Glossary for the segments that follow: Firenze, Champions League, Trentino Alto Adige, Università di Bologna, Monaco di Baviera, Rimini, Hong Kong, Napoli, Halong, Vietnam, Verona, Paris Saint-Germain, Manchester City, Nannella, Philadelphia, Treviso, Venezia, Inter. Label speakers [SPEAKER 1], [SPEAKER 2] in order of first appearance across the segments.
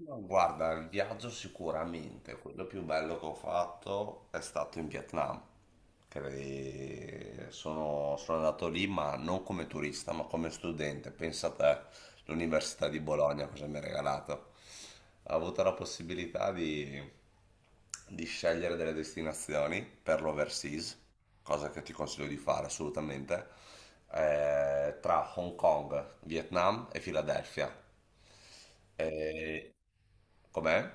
[SPEAKER 1] No, guarda, il viaggio sicuramente, quello più bello che ho fatto è stato in Vietnam. Sono, sono andato lì, ma non come turista, ma come studente. Pensa a te, l'Università di Bologna cosa mi ha regalato. Ho avuto la possibilità di scegliere delle destinazioni per l'overseas, cosa che ti consiglio di fare assolutamente, tra Hong Kong, Vietnam e Filadelfia. Eh, com'è?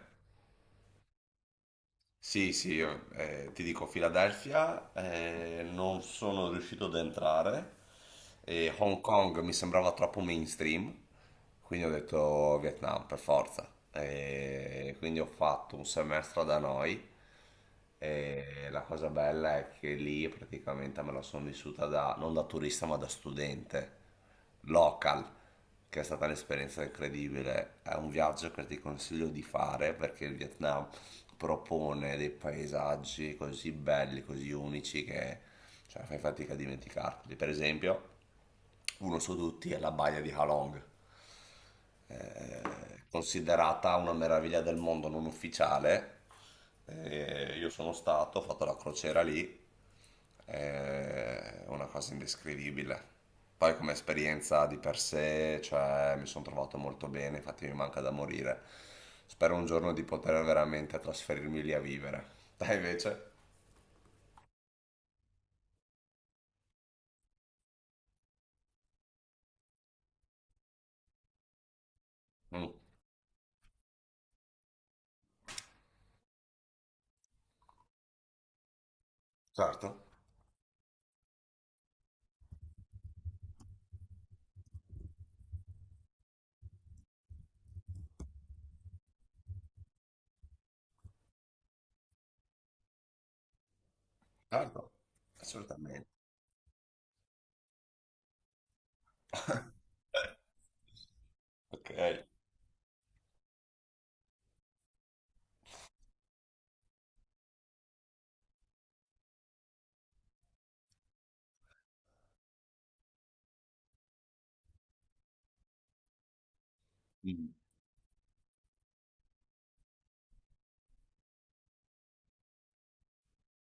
[SPEAKER 1] Sì, sì, io, ti dico Philadelphia, non sono riuscito ad entrare, e Hong Kong mi sembrava troppo mainstream, quindi ho detto Vietnam per forza. E quindi ho fatto un semestre da noi, e la cosa bella è che lì praticamente me la sono vissuta da, non da turista ma da studente, local, che è stata un'esperienza incredibile. È un viaggio che ti consiglio di fare perché il Vietnam propone dei paesaggi così belli, così unici che, cioè, fai fatica a dimenticarli. Per esempio, uno su tutti è la baia di Halong, eh, considerata una meraviglia del mondo non ufficiale. Io sono stato, ho fatto la crociera lì, è una cosa indescrivibile. Poi come esperienza di per sé, cioè, mi sono trovato molto bene, infatti mi manca da morire. Spero un giorno di poter veramente trasferirmi lì a vivere. Dai invece? Mm, certo, certo, assolutamente. Ok. Mm.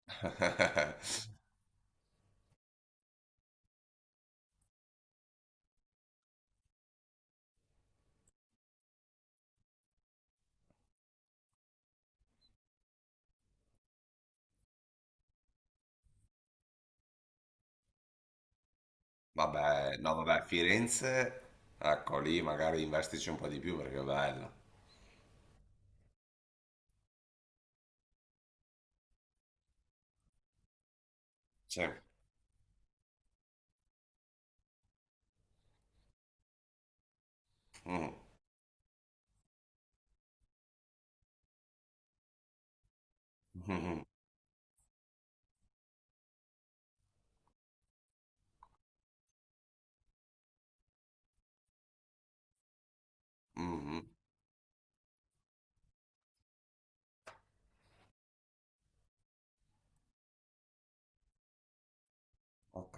[SPEAKER 1] Vabbè, no, vabbè, Firenze, ecco lì magari investici un po' di più perché è bella. Sì. Mm. Mhm. Mhm. Ok,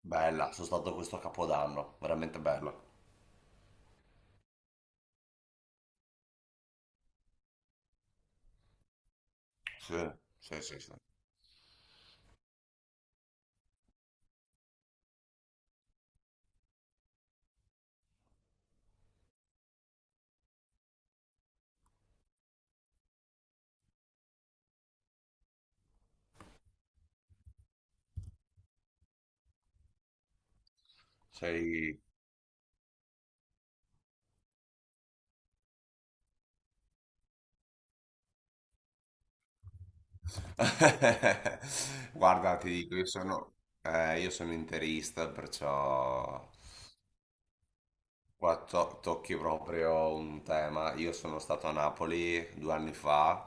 [SPEAKER 1] bella, sono stato questo Capodanno, veramente bello. Sì, sì, sì, sì. Sei... Guarda, ti dico, io sono interista, perciò guarda, tocchi proprio un tema. Io sono stato a Napoli due anni fa,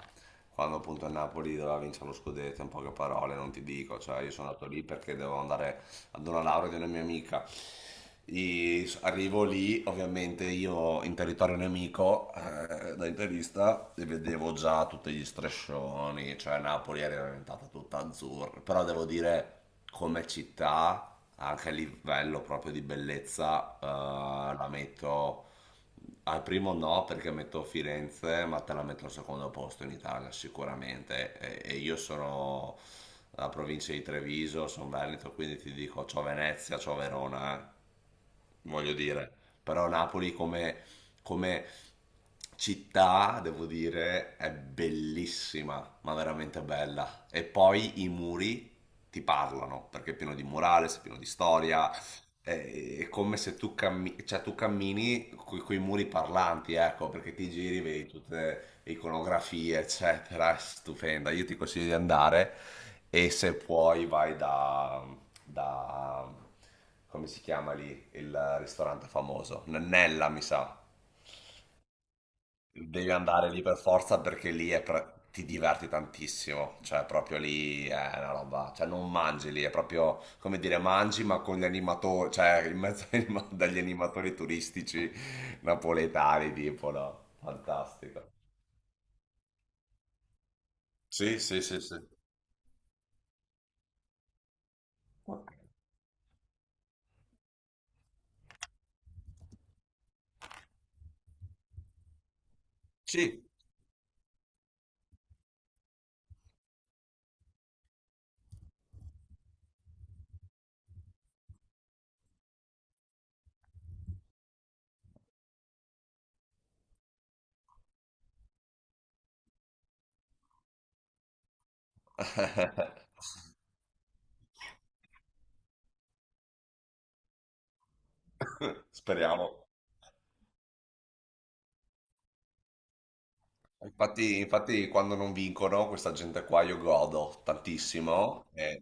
[SPEAKER 1] quando appunto il Napoli doveva vincere lo scudetto, in poche parole, non ti dico, cioè io sono andato lì perché dovevo andare ad una laurea di una mia amica. Arrivo lì, ovviamente io in territorio nemico, da interista, e vedevo già tutti gli striscioni, cioè Napoli era diventata tutta azzurra, però devo dire come città, anche a livello proprio di bellezza, la metto al primo no perché metto Firenze, ma te la metto al secondo posto in Italia sicuramente. E io sono la provincia di Treviso, sono Veneto, quindi ti dico c'ho Venezia, c'ho Verona. Eh, voglio dire, però Napoli come, come città, devo dire, è bellissima, ma veramente bella. E poi i muri ti parlano, perché è pieno di murales, è pieno di storia, è come se tu, cioè, tu cammini con i muri parlanti, ecco, perché ti giri, vedi tutte le iconografie, eccetera, è stupenda. Io ti consiglio di andare, e se puoi vai da come si chiama lì, il ristorante famoso, Nannella, mi sa. Devi andare lì per forza perché lì è ti diverti tantissimo, cioè proprio lì è una roba, cioè non mangi lì, è proprio come dire mangi ma con gli animatori, cioè in mezzo dagli animatori turistici napoletani tipo, no? Fantastico. Sì, sì, sì, sì. Sì. Speriamo. Infatti, infatti quando non vincono questa gente qua io godo tantissimo.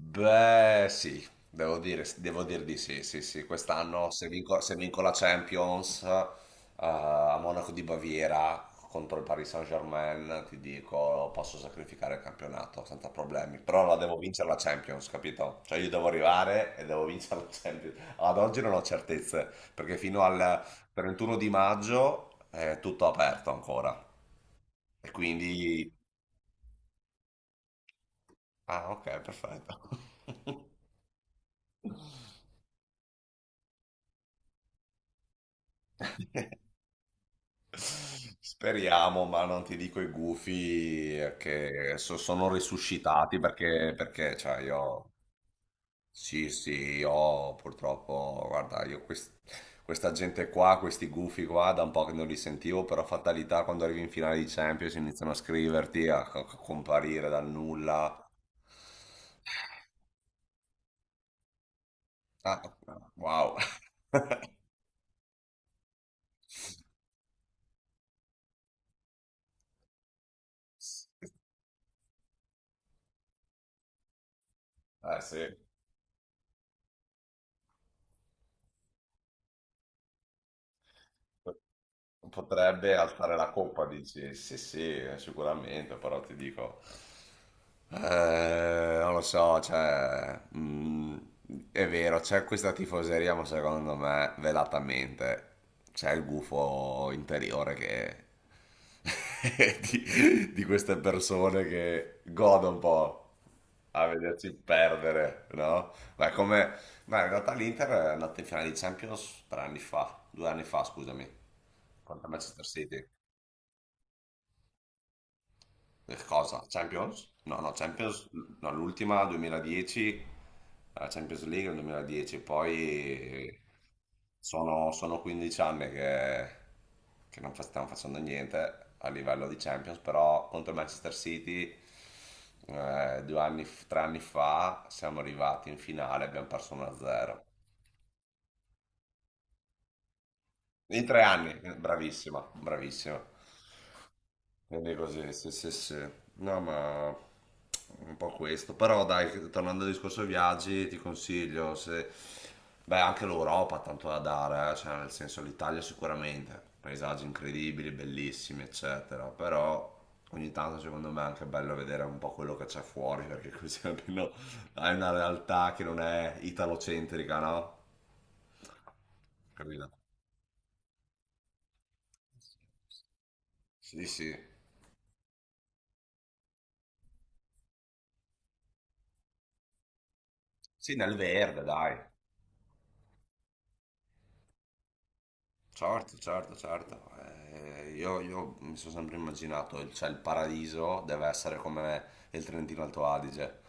[SPEAKER 1] Beh, sì, devo dire, devo dir di sì, sì, sì. Quest'anno se vinco, se vinco la Champions, a Monaco di Baviera contro il Paris Saint-Germain, ti dico, posso sacrificare il campionato senza problemi. Però la devo vincere la Champions, capito? Cioè io devo arrivare e devo vincere la Champions. Ad oggi non ho certezze, perché fino al 31 di maggio è tutto aperto ancora. E quindi... Ah, ok, perfetto. Speriamo, ma non ti dico i gufi che sono risuscitati perché, perché cioè io, sì, sì, io purtroppo, guarda, questa gente qua, questi gufi qua, da un po' che non li sentivo, però fatalità quando arrivi in finale di Champions iniziano a scriverti, a comparire dal nulla. Ah, wow. Eh sì. Potrebbe alzare la coppa, dici? Sì, sì, sicuramente, però ti dico, non lo so, cioè, mm, è vero, c'è questa tifoseria, ma secondo me, velatamente, c'è il gufo interiore che... di queste persone che godono un po' a vederci perdere, no? Ma è come... Ma in realtà l'Inter è andata in finale di Champions tre anni fa, due anni fa, scusami. Contro Manchester City. Cosa? Champions? No, no, Champions, no, l'ultima 2010, la Champions League nel 2010, poi sono, sono 15 anni che non fa- stiamo facendo niente a livello di Champions, però contro Manchester City, due anni, tre anni fa siamo arrivati in finale, abbiamo perso 1-0. In tre anni, bravissima, bravissima. Quindi così, sì, sì, sì, sì. No, ma un po' questo. Però dai, tornando al discorso viaggi, ti consiglio se... Beh, anche l'Europa ha tanto da dare, cioè, nel senso l'Italia sicuramente, paesaggi incredibili, bellissimi, eccetera. Però ogni tanto secondo me è anche bello vedere un po' quello che c'è fuori, perché così almeno hai una realtà che non è italocentrica, no? Capito? Sì, sì. Sì, nel verde, dai. Certo, certo, certo. Io mi sono sempre immaginato, cioè il paradiso deve essere come il Trentino Alto Adige.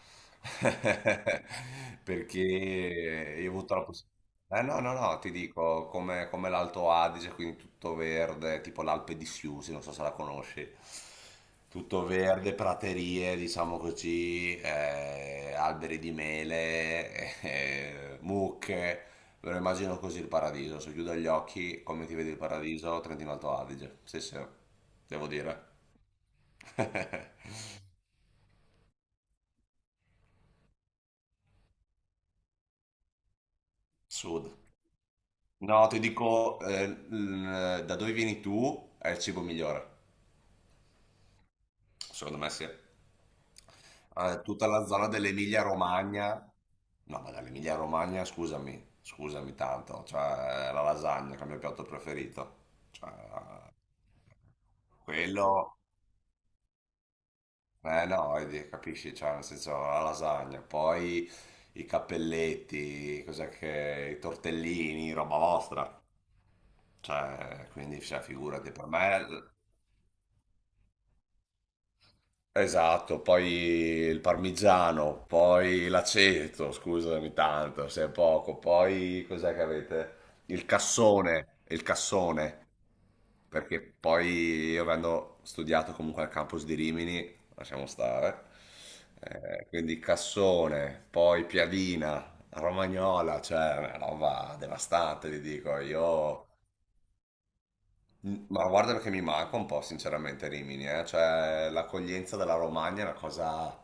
[SPEAKER 1] Perché io ho avuto la possibilità... Eh no, no, no, ti dico, come, come l'Alto Adige, quindi tutto verde, tipo l'Alpe di Siusi, non so se la conosci. Tutto verde, praterie, diciamo così, alberi di mele, mucche. Me lo immagino così il paradiso, se chiudo gli occhi, come ti vedi il paradiso? Trentino Alto Adige. Sì, sì, devo dire. Sud. No, ti dico, da dove vieni tu è il cibo migliore. Secondo me sì. Tutta la zona dell'Emilia-Romagna. No, ma dall'Emilia-Romagna, scusami, scusami tanto. Cioè, la lasagna che è il mio piatto preferito. Cioè, quello... Eh no, vedi, capisci, cioè nel senso la lasagna, poi i cappelletti, cos'è che, i tortellini, roba vostra, cioè quindi cioè, figurati, per me esatto, poi il parmigiano, poi l'aceto, scusami tanto, se è poco, poi cos'è che avete? Il cassone, il cassone. Perché poi io avendo studiato comunque al campus di Rimini, lasciamo stare, quindi cassone, poi piadina, romagnola, cioè una roba devastante, ti dico, io... Ma guarda che mi manca un po' sinceramente Rimini, cioè l'accoglienza della Romagna è una cosa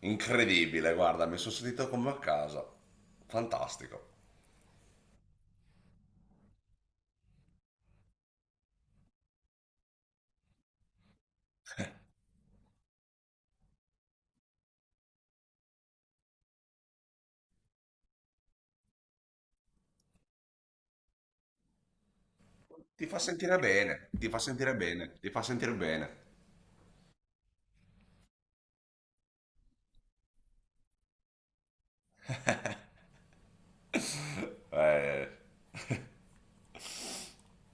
[SPEAKER 1] incredibile, guarda, mi sono sentito come a casa, fantastico. Ti fa sentire bene, ti fa sentire bene, ti fa sentire bene. Eh...